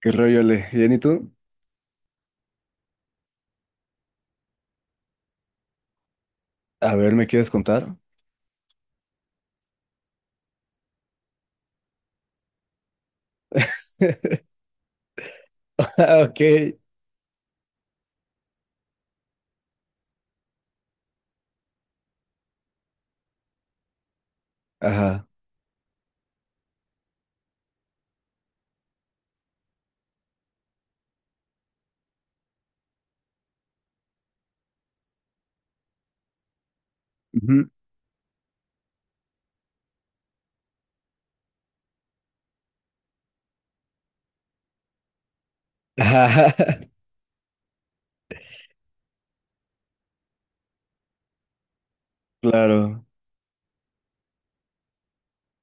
¿Qué rollo, Ale? ¿Bien y tú? A ver, ¿me quieres contar? Ah, ok. Ajá. Ujú. Ajá. Claro,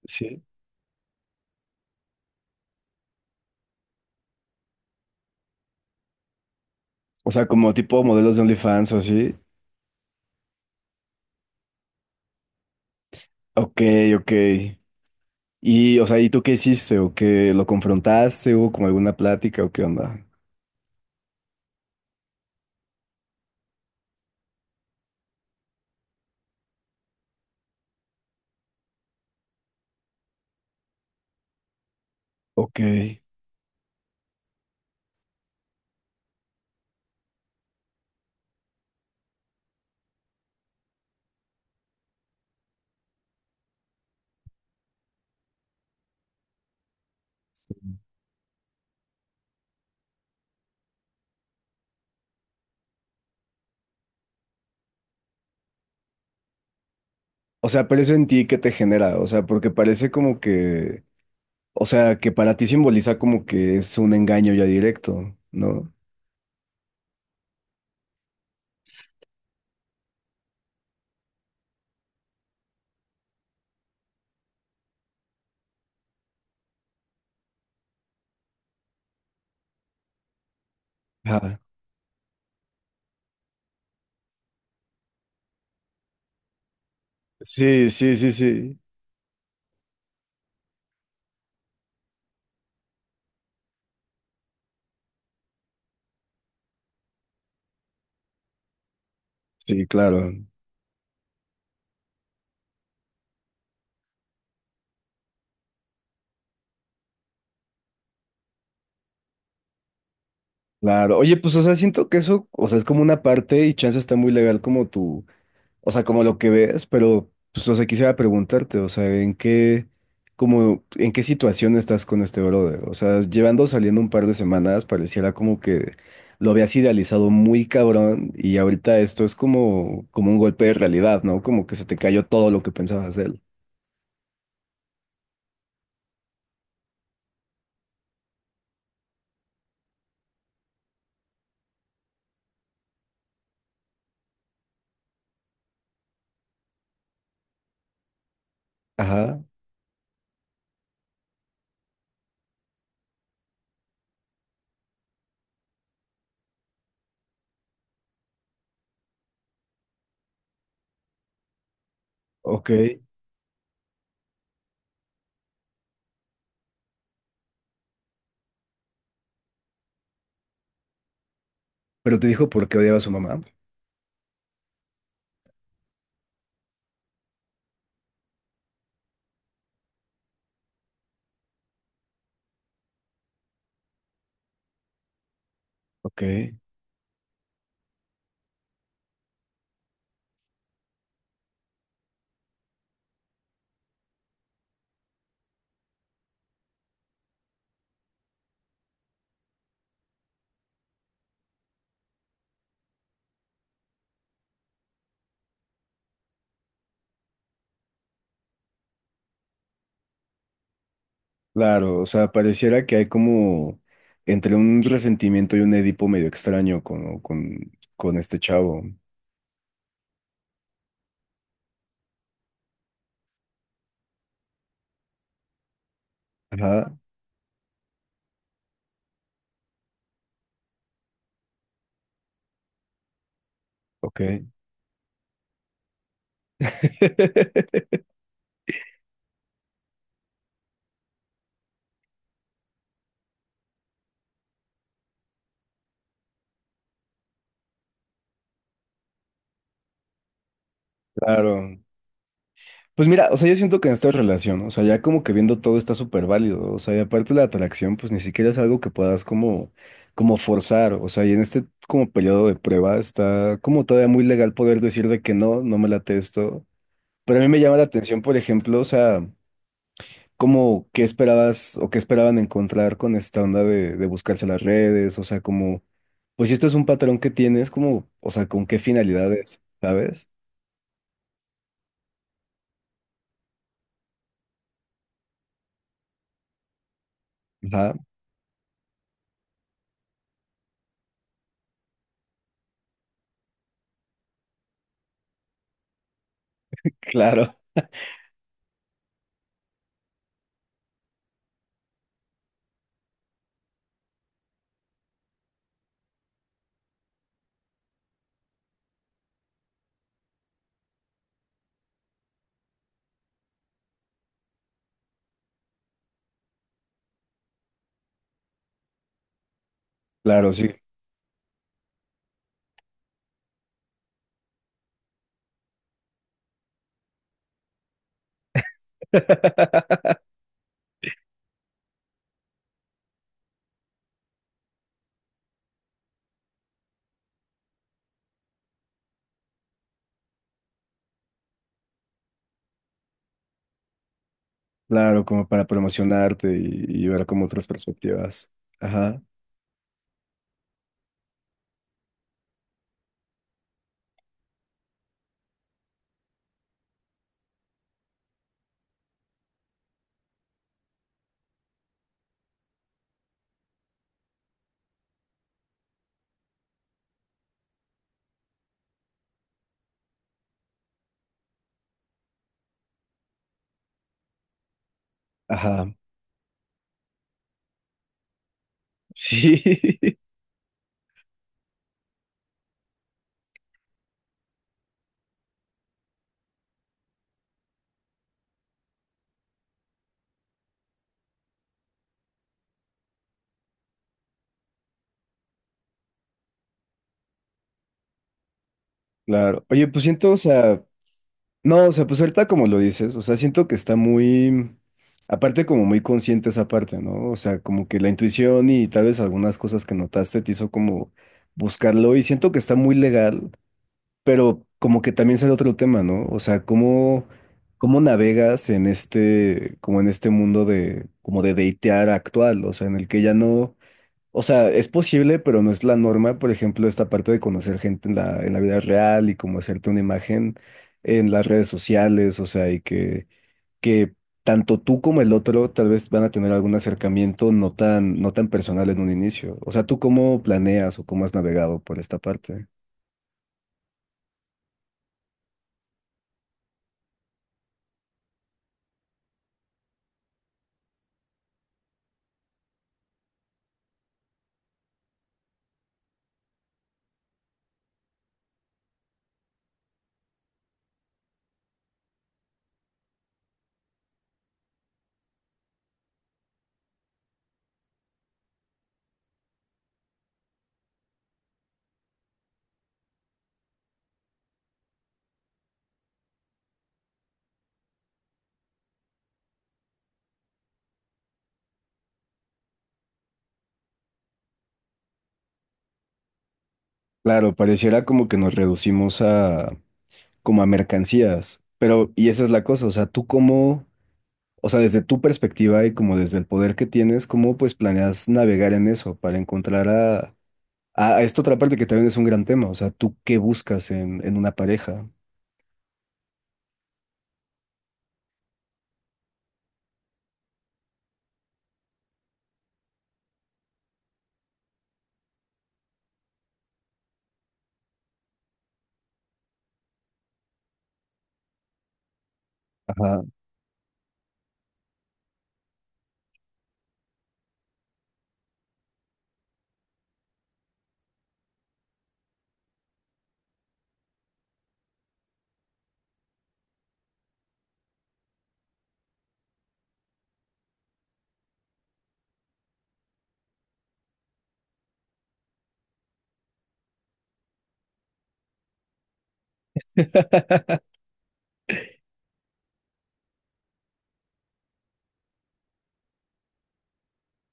sí. O sea, como tipo modelos de OnlyFans o así. Ok, ok. Y, o sea, ¿y tú qué hiciste? ¿O qué lo confrontaste? ¿Hubo como alguna plática o qué onda? Ok. O sea, pero eso en ti, ¿qué te genera? O sea, porque parece como que, o sea, que para ti simboliza como que es un engaño ya directo, ¿no? Ajá. Sí, sí, sí, sí. Sí, claro. Claro, oye, pues, o sea, siento que eso, o sea, es como una parte y chance está muy legal como tú, o sea, como lo que ves, pero, pues, o sea, quisiera preguntarte, o sea, ¿en qué, como, en qué situación estás con este brother? O sea, llevando saliendo un par de semanas, pareciera como que lo habías idealizado muy cabrón y ahorita esto es como, como un golpe de realidad, ¿no? Como que se te cayó todo lo que pensabas de él. Ajá, ok. Pero te dijo por qué odiaba a su mamá. Ok. Claro, o sea, pareciera que hay como entre un resentimiento y un Edipo medio extraño con este chavo. Ajá, ok. Claro. Pues mira, o sea, yo siento que en esta relación, o sea, ya como que viendo todo está súper válido, o sea, y aparte la atracción, pues ni siquiera es algo que puedas como, como forzar, o sea, y en este como periodo de prueba está como todavía muy legal poder decir de que no, no me late esto, pero a mí me llama la atención, por ejemplo, o sea... ¿Cómo, qué esperabas o qué esperaban encontrar con esta onda de buscarse las redes? O sea, como, pues si esto es un patrón que tienes, como, o sea, ¿con qué finalidades? ¿Sabes? Ajá, claro, claro, sí. Claro, como para promocionarte y ver como otras perspectivas. Ajá, ajá, sí, claro. Oye, pues siento, o sea, no, o sea, pues ahorita como lo dices, o sea, siento que está muy, aparte como muy consciente esa parte, ¿no? O sea, como que la intuición y tal vez algunas cosas que notaste te hizo como buscarlo y siento que está muy legal, pero como que también sale otro tema, ¿no? O sea, cómo, cómo navegas en este, como en este mundo de, como de datear actual, o sea, en el que ya no... O sea, es posible, pero no es la norma, por ejemplo, esta parte de conocer gente en la vida real y como hacerte una imagen en las redes sociales, o sea, y que tanto tú como el otro tal vez van a tener algún acercamiento no tan, no tan personal en un inicio. O sea, ¿tú cómo planeas o cómo has navegado por esta parte? Claro, pareciera como que nos reducimos a como a mercancías, pero y esa es la cosa, o sea, ¿tú cómo? O sea, desde tu perspectiva y como desde el poder que tienes, ¿cómo pues planeas navegar en eso para encontrar a, a esta otra parte que también es un gran tema? O sea, ¿tú qué buscas en una pareja? Ajá.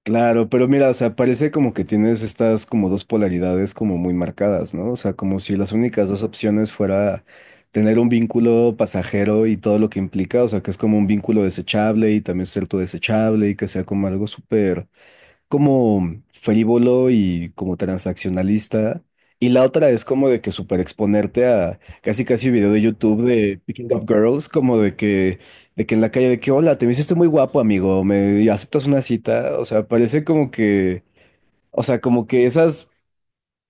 Claro, pero mira, o sea, parece como que tienes estas como dos polaridades como muy marcadas, ¿no? O sea, como si las únicas dos opciones fuera tener un vínculo pasajero y todo lo que implica, o sea, que es como un vínculo desechable y también ser tu desechable y que sea como algo súper como frívolo y como transaccionalista. Y la otra es como de que super exponerte a casi casi video de YouTube de Picking Up Girls, como de que en la calle de que, hola, te me hiciste muy guapo, amigo, me aceptas una cita. O sea, parece como que, o sea, como que esas...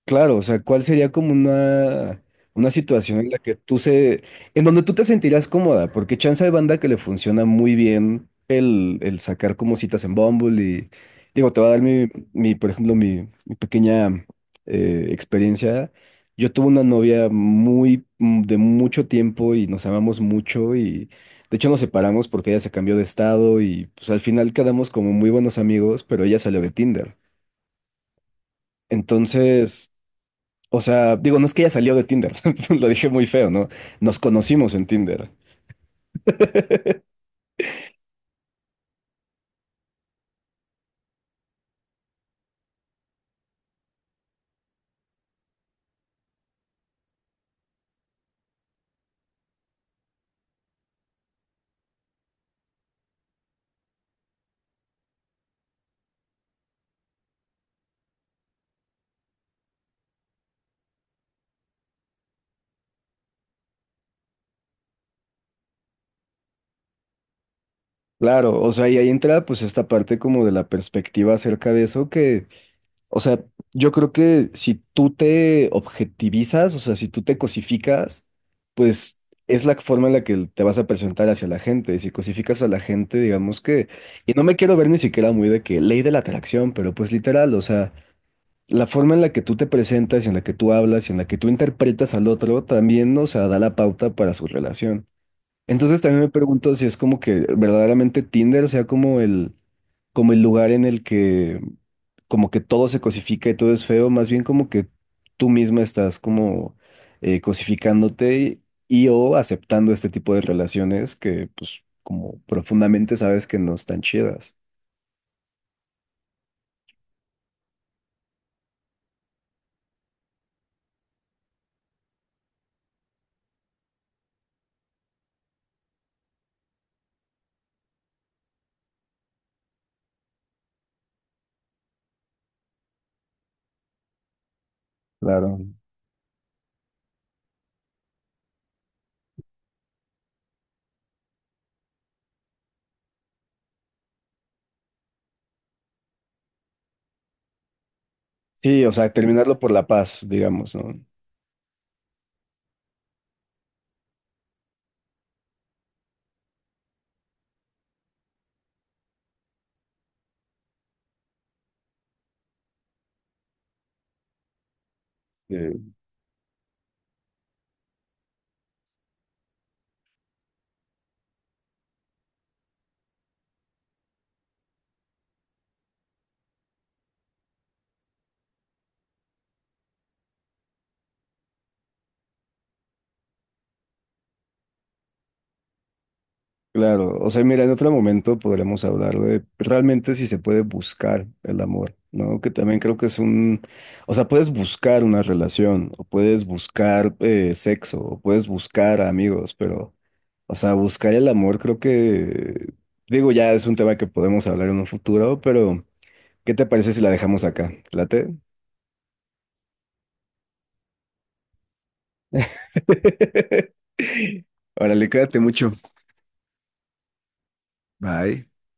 Claro, o sea, ¿cuál sería como una situación en la que tú se, en donde tú te sentirás cómoda? Porque chance hay banda que le funciona muy bien el sacar como citas en Bumble y, digo, te va a dar mi, mi, por ejemplo, mi pequeña experiencia. Yo tuve una novia muy, de mucho tiempo y nos amamos mucho y, de hecho, nos separamos porque ella se cambió de estado y, pues, al final quedamos como muy buenos amigos, pero ella salió de Tinder. Entonces... O sea, digo, no es que ella salió de Tinder, lo dije muy feo, ¿no? Nos conocimos en Tinder. Claro, o sea, y ahí entra pues esta parte como de la perspectiva acerca de eso que, o sea, yo creo que si tú te objetivizas, o sea, si tú te cosificas, pues es la forma en la que te vas a presentar hacia la gente. Si cosificas a la gente, digamos que, y no me quiero ver ni siquiera muy de que ley de la atracción, pero pues literal, o sea, la forma en la que tú te presentas, en la que tú hablas, en la que tú interpretas al otro, también, ¿no? O sea, da la pauta para su relación. Entonces también me pregunto si es como que verdaderamente Tinder sea como el lugar en el que como que todo se cosifica y todo es feo, más bien como que tú misma estás como cosificándote y, o aceptando este tipo de relaciones que pues como profundamente sabes que no están chidas. Claro. Sí, o sea, terminarlo por la paz, digamos, ¿no? Eh, claro, o sea, mira, en otro momento podremos hablar de realmente si se puede buscar el amor, ¿no? Que también creo que es un, o sea, puedes buscar una relación, o puedes buscar sexo, o puedes buscar amigos, pero, o sea, buscar el amor creo que, digo, ya es un tema que podemos hablar en un futuro, pero ¿qué te parece si la dejamos acá? ¿Te ¿Late? Órale, cuídate mucho. Bye.